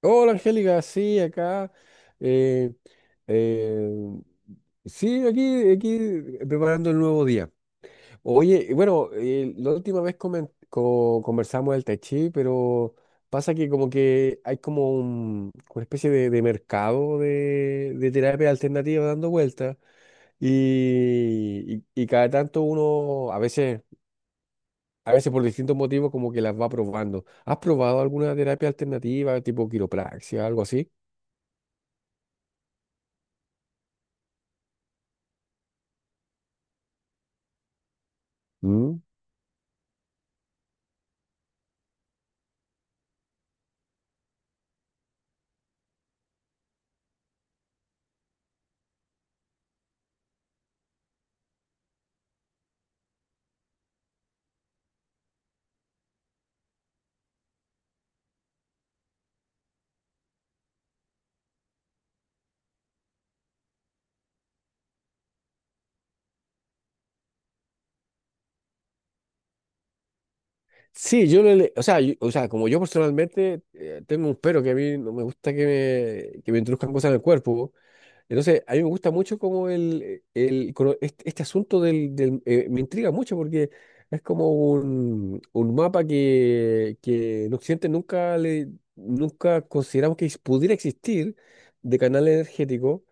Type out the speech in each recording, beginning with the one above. Hola Angélica, sí, acá. eh, eh, sí, aquí preparando el nuevo día. Oye, y bueno, la última vez conversamos del Tai Chi, pero pasa que como que hay como una especie de mercado de terapia alternativa dando vueltas y, y cada tanto uno, a veces por distintos motivos, como que las va probando. ¿Has probado alguna terapia alternativa, tipo quiropraxia, algo así? Mm. Sí, yo o sea, o sea, como yo personalmente tengo un pero que a mí no me gusta que me introduzcan cosas en el cuerpo. Entonces, a mí me gusta mucho como el, este, este asunto del, me intriga mucho porque es como un mapa que en Occidente nunca le, nunca consideramos que pudiera existir de canal energético,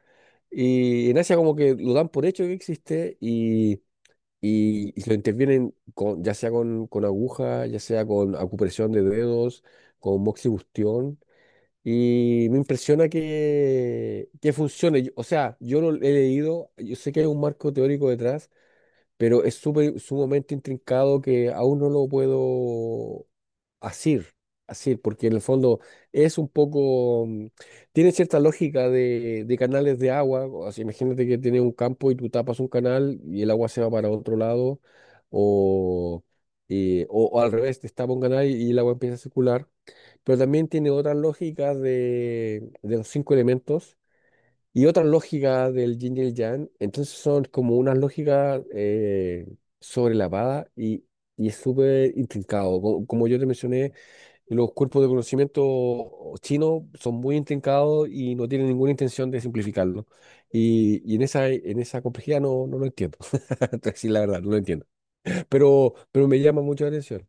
y en Asia como que lo dan por hecho que existe y lo intervienen con, ya sea con aguja, ya sea con acupresión de dedos, con moxibustión. Y me impresiona que funcione. O sea, yo lo he leído, yo sé que hay un marco teórico detrás, pero es súper, sumamente intrincado que aún no lo puedo asir, asir, porque en el fondo es un poco, tiene cierta lógica de canales de agua, o sea, imagínate que tienes un campo y tú tapas un canal y el agua se va para otro lado, o, o al revés, te tapa un canal y el agua empieza a circular, pero también tiene otras lógicas de los cinco elementos y otra lógica del yin y el yang, entonces son como unas lógicas sobrelavadas y es súper intrincado. Como, yo te mencioné, los cuerpos de conocimiento chinos son muy intrincados y no tienen ninguna intención de simplificarlo. Y en esa complejidad no, no lo entiendo. Entonces, sí, la verdad, no lo entiendo. Pero me llama mucho la atención.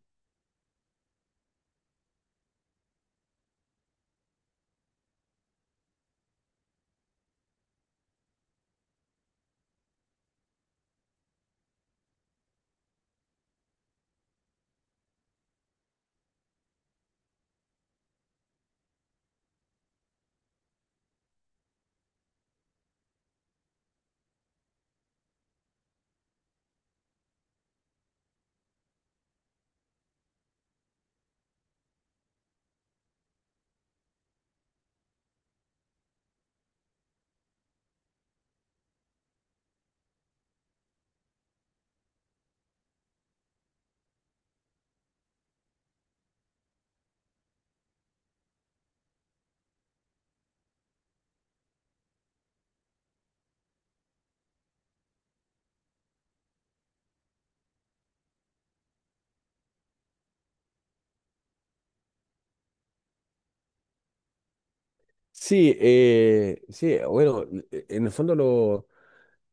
Sí, sí, bueno, en el fondo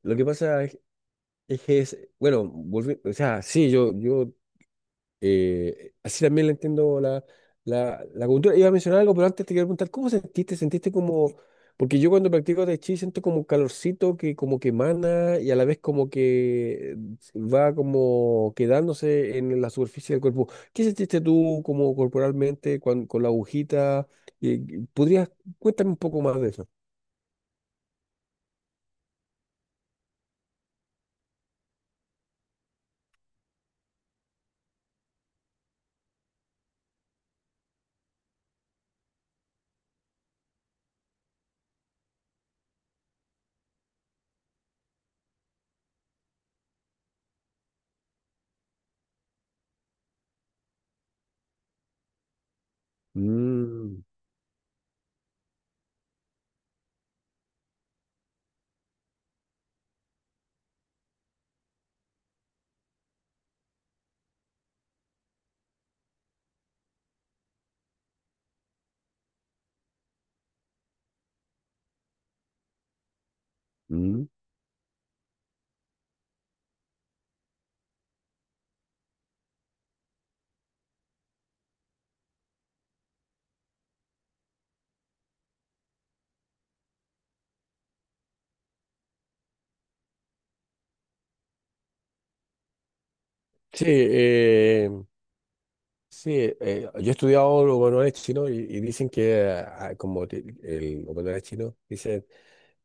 lo que pasa es... Es que es, bueno, o sea, sí, yo... Así también le entiendo la, la, la cultura. Iba a mencionar algo, pero antes te quería preguntar, ¿cómo sentiste? ¿Sentiste como...? Porque yo cuando practico Tai Chi siento como un calorcito que como que emana y a la vez como que va como quedándose en la superficie del cuerpo. ¿Qué sentiste tú como corporalmente con, la agujita? ¿Podrías... Cuéntame un poco más de eso. Mm, mm. Sí, sí, yo he estudiado oconoés chino y dicen que ah, como el oconoés chino, dicen,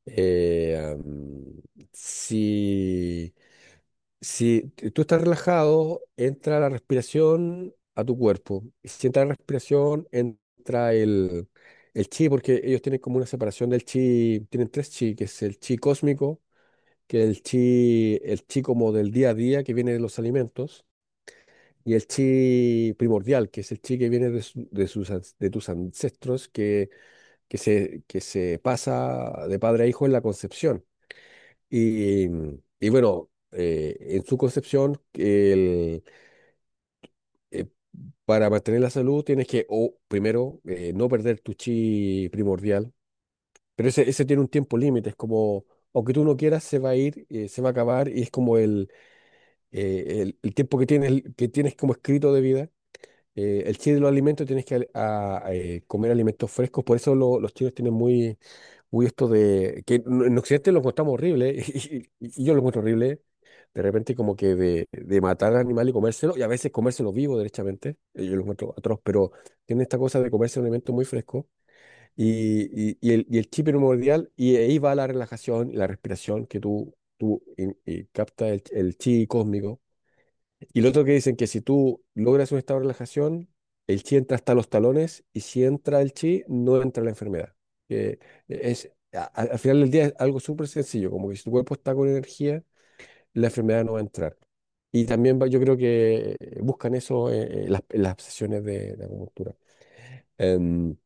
eh, am, si, tú estás relajado, entra la respiración a tu cuerpo. Y si entra la respiración, entra el chi, porque ellos tienen como una separación del chi, tienen tres chi, que es el chi cósmico, que es el chi como del día a día que viene de los alimentos, y el chi primordial, que es el chi que viene de, de sus, de tus ancestros, que se pasa de padre a hijo en la concepción. Y, y bueno, en su concepción, eh, para mantener la salud tienes que, o primero, no perder tu chi primordial. Pero ese tiene un tiempo límite, es como, aunque tú no quieras, se va a ir, se va a acabar, y es como el tiempo que tienes como escrito de vida. El chile de los alimentos tienes que comer alimentos frescos, por eso los chinos tienen muy, muy esto de que en Occidente lo encontramos horrible y, y yo lo encuentro horrible, de repente como que de matar al animal y comérselo, y a veces comérselo vivo derechamente, yo lo encuentro atroz, pero tienen esta cosa de comerse un alimento muy fresco y el chip primordial, y ahí va la relajación y la respiración que tú captas el chi cósmico, y lo otro que dicen que si tú logras un estado de relajación, el chi entra hasta los talones y si entra el chi, no entra la enfermedad. Que es, al final del día es algo súper sencillo, como que si tu cuerpo está con energía, la enfermedad no va a entrar. Y también yo creo que buscan eso las, en las sesiones de acupuntura. Em,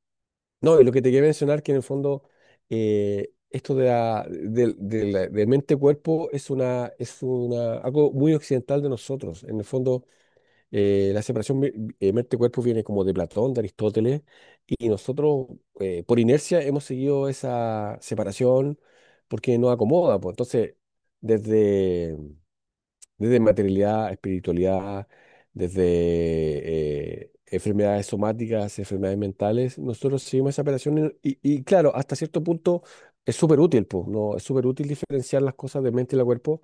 no, y lo que te quería mencionar que en el fondo esto de, la, de de mente-cuerpo es una, algo muy occidental de nosotros. En el fondo la separación mente-cuerpo viene como de Platón, de Aristóteles, y nosotros por inercia hemos seguido esa separación porque nos acomoda, pues. Entonces, desde, desde materialidad, espiritualidad, desde enfermedades somáticas, enfermedades mentales. Nosotros seguimos esa operación y, y claro, hasta cierto punto es súper útil, po, ¿no? Es súper útil diferenciar las cosas de mente y la cuerpo,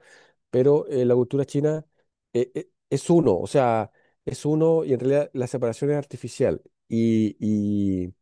pero la cultura china es uno, o sea, es uno y en realidad la separación es artificial. Y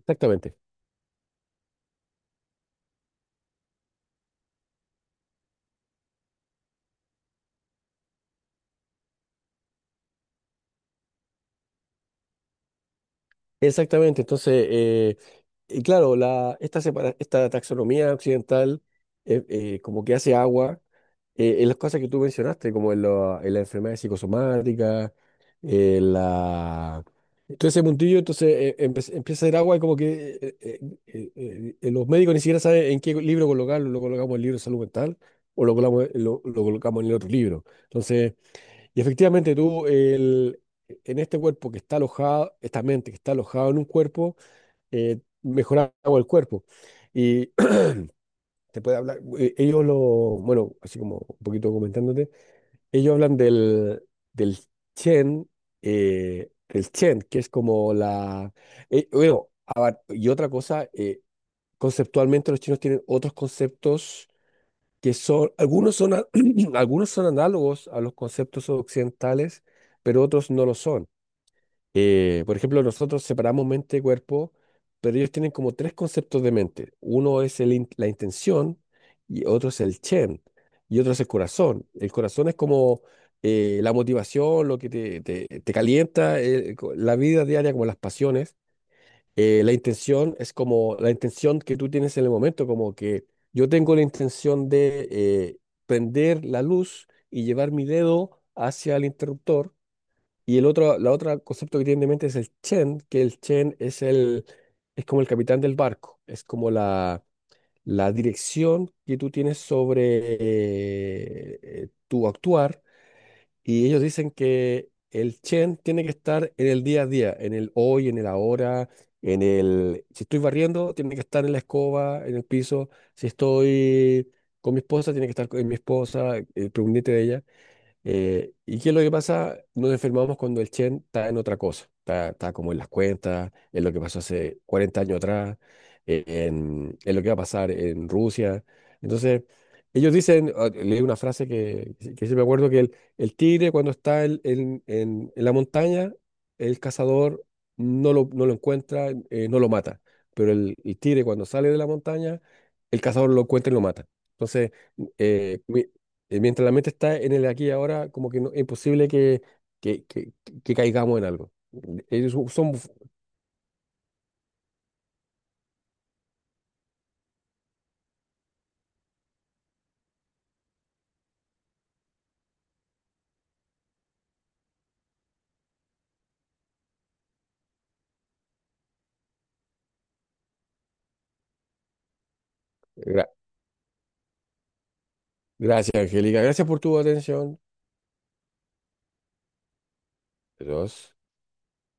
exactamente. Exactamente, entonces, y claro, la, esta, esta taxonomía occidental como que hace agua en las cosas que tú mencionaste, como en, la en las enfermedades psicosomáticas, en la... Todo ese puntillo, entonces empieza a hacer agua y como que los médicos ni siquiera saben en qué libro colocarlo, lo colocamos en el libro de salud mental o lo colocamos en el otro libro. Entonces... Y efectivamente tú, el, en este cuerpo que está alojado, esta mente que está alojada en un cuerpo, mejoraba el cuerpo. Y te puede hablar, ellos lo, bueno, así como un poquito comentándote, ellos hablan del, del Chen, el Chen, que es como la, bueno, y otra cosa, conceptualmente los chinos tienen otros conceptos que son, algunos son, algunos son análogos a los conceptos occidentales, pero otros no lo son. Por ejemplo, nosotros separamos mente y cuerpo, pero ellos tienen como tres conceptos de mente. Uno es la intención, y otro es el chen, y otro es el corazón. El corazón es como la motivación, lo que te, te calienta, la vida diaria, como las pasiones. La intención es como la intención que tú tienes en el momento, como que yo tengo la intención de prender la luz y llevar mi dedo hacia el interruptor, y el otro, la otra concepto que tienen en mente es el Chen, que el Chen es el, es como el capitán del barco, es como la dirección que tú tienes sobre tu actuar. Y ellos dicen que el Chen tiene que estar en el día a día, en el hoy, en el ahora, en el, si estoy barriendo, tiene que estar en la escoba, en el piso, si estoy con mi esposa, tiene que estar con mi esposa, pendiente de ella. ¿Y qué es lo que pasa? Nos enfermamos cuando el Chen está en otra cosa, está, está como en las cuentas, en lo que pasó hace 40 años atrás, en lo que va a pasar en Rusia. Entonces, ellos dicen, ah, leí una frase que sí me acuerdo, que el tigre cuando está en, en la montaña, el cazador no lo, no lo encuentra, no lo mata, pero el tigre cuando sale de la montaña, el cazador lo encuentra y lo mata. Entonces, eh, mientras la mente está en el aquí y ahora, como que no, es imposible que, que, que- que caigamos en algo. Ellos son... gra- Gracias, Angélica. Gracias por tu atención. Adiós.